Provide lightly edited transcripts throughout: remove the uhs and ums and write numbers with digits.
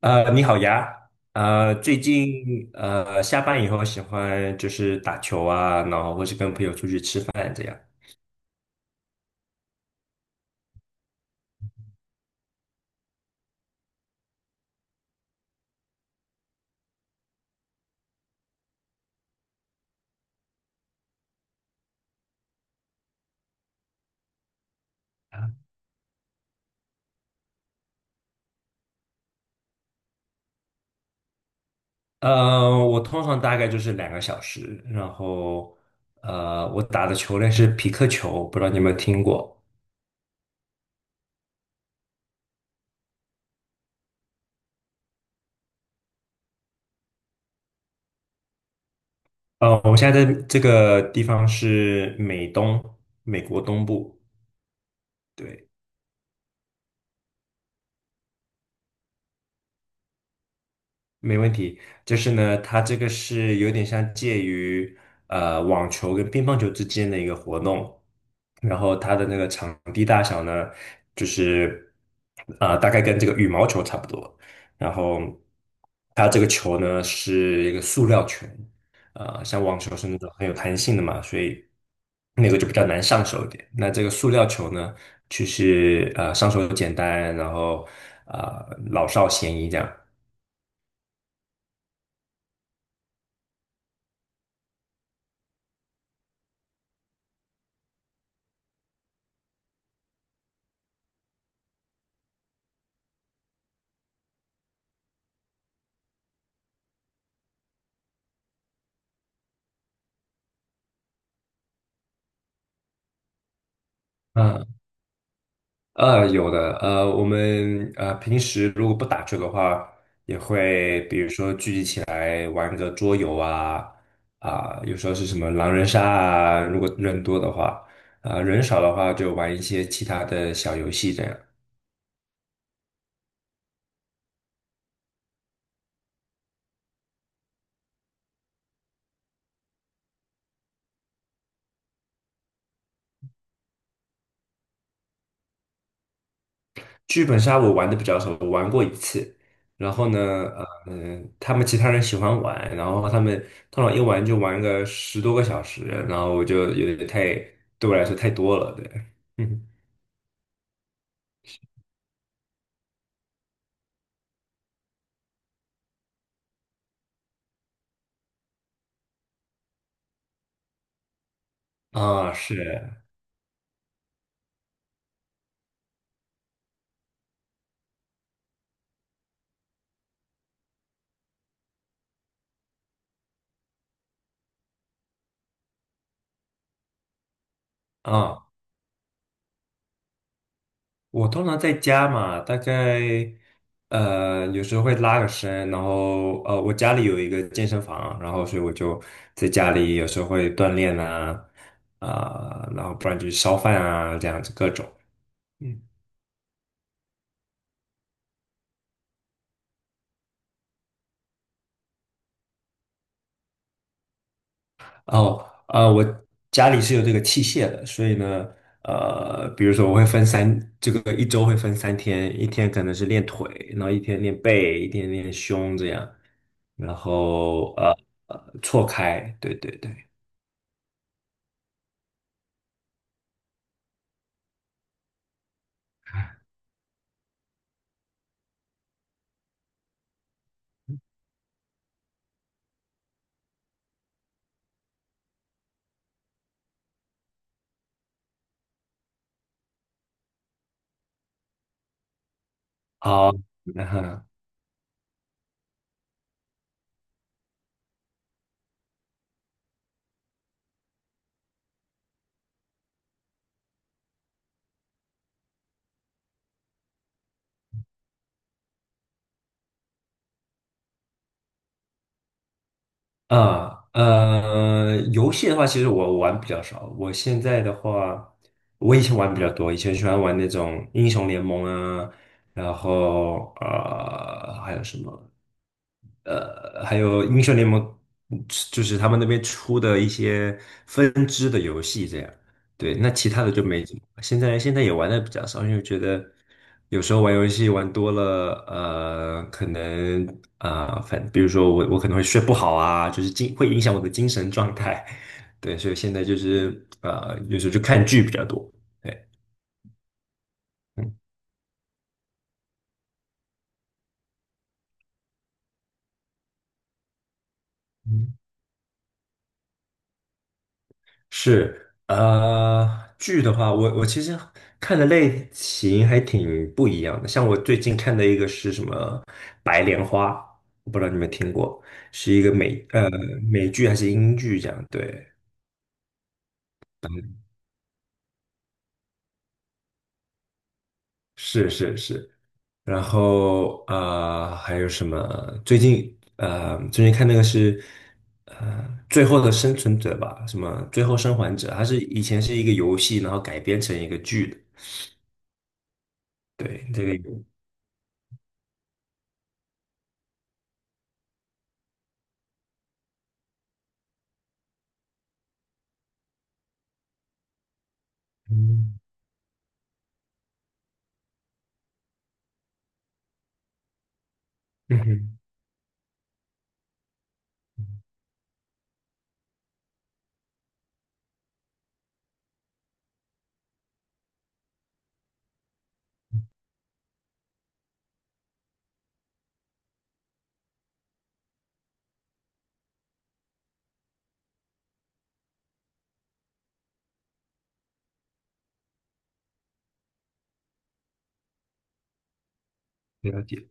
你好呀，最近下班以后喜欢就是打球啊，然后或是跟朋友出去吃饭这样。我通常大概就是2个小时，然后我打的球类是匹克球，不知道你有没有听过？我现在在这个地方是美东，美国东部，对。没问题，就是呢，它这个是有点像介于网球跟乒乓球之间的一个活动，然后它的那个场地大小呢，就是大概跟这个羽毛球差不多，然后它这个球呢是一个塑料球，像网球是那种很有弹性的嘛，所以那个就比较难上手一点。那这个塑料球呢，就是上手简单，然后老少咸宜这样。嗯。有的，我们平时如果不打球的话，也会比如说聚集起来玩个桌游啊，有时候是什么狼人杀啊，如果人多的话，人少的话就玩一些其他的小游戏这样。剧本杀我玩的比较少，我玩过一次，然后呢，他们其他人喜欢玩，然后他们通常一玩就玩个10多个小时，然后我就有点太，对我来说太多了，对。嗯啊，是，啊，我通常在家嘛，大概有时候会拉个伸，然后我家里有一个健身房，然后所以我就在家里有时候会锻炼啊，然后不然就是烧饭啊这样子各种。嗯。哦，我家里是有这个器械的，所以呢，比如说我会分三，这个一周会分3天，一天可能是练腿，然后一天练背，一天练胸这样，然后错开，对对对，好，然后游戏的话，其实我玩比较少，我现在的话，我以前玩比较多，以前喜欢玩那种英雄联盟啊，然后还有什么？还有英雄联盟，就是他们那边出的一些分支的游戏这样。对，那其他的就没怎么。现在也玩的比较少，因为觉得有时候玩游戏玩多了，可能啊、呃反比如说我可能会睡不好啊，就是会影响我的精神状态。对，所以现在就是有时候就看剧比较多。对，嗯嗯。是，剧的话，我其实看的类型还挺不一样的。像我最近看的一个是什么《白莲花》，我不知道你们听过，是一个美剧还是英剧这样？对，是是是。然后还有什么？最近最近看那个是呃《最后的生存者》吧，什么《最后生还者》，它是以前是一个游戏，然后改编成一个剧的。对，这个有，嗯。嗯哼。了解。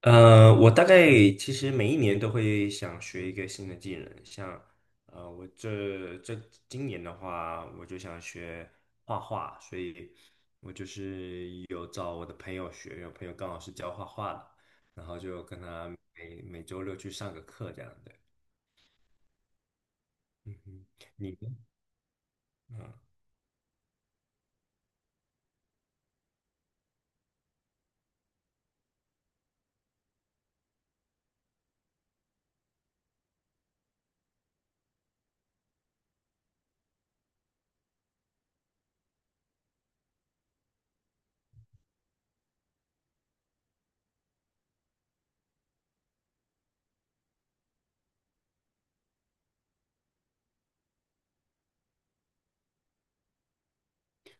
我大概其实每一年都会想学一个新的技能，像我这今年的话，我就想学画画，所以我就是有找我的朋友学，有朋友刚好是教画画的，然后就跟他每周六去上个课这样的。嗯哼，你呢。嗯，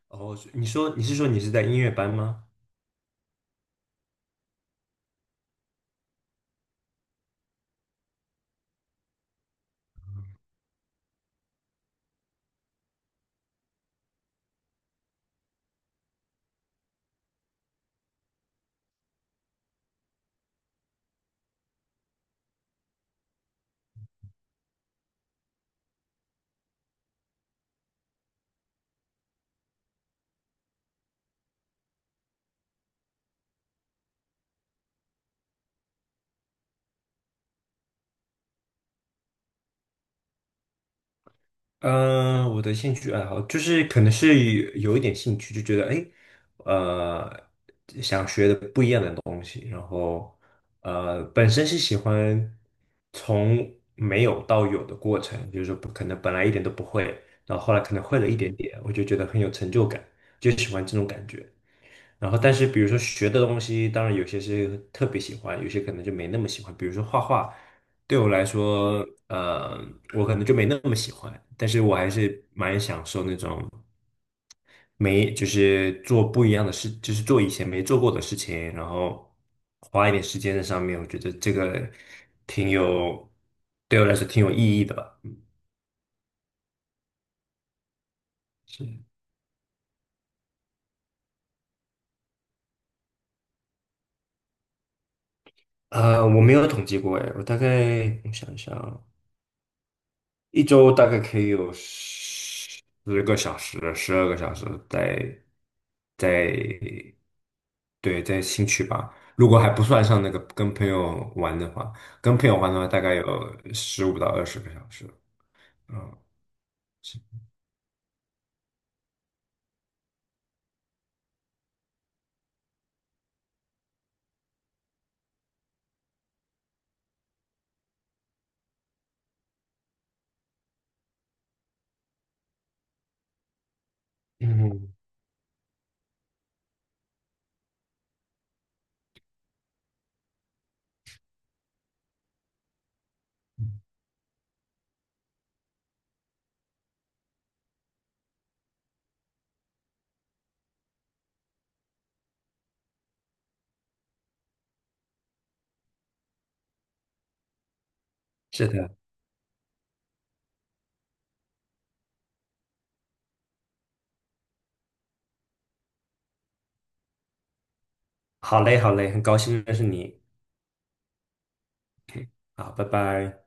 哦，你说你是说你是在音乐班吗？嗯，我的兴趣爱好就是可能是有一点兴趣，就觉得哎，呃，想学的不一样的东西，然后本身是喜欢从没有到有的过程，就是说不可能本来一点都不会，然后后来可能会了一点点，我就觉得很有成就感，就喜欢这种感觉。然后，但是比如说学的东西，当然有些是特别喜欢，有些可能就没那么喜欢。比如说画画，对我来说，我可能就没那么喜欢，但是我还是蛮享受那种没，就是做不一样的事，就是做以前没做过的事情，然后花一点时间在上面，我觉得这个挺有，对我来说挺有意义的吧。嗯，是，我没有统计过，哎，我大概我想一想。一周大概可以有十个小时、12个小时在对在新区吧。如果还不算上那个跟朋友玩的话，跟朋友玩的话大概有15到20个小时。嗯，是。嗯，是的，好嘞，好嘞，很高兴认识你。好，拜拜。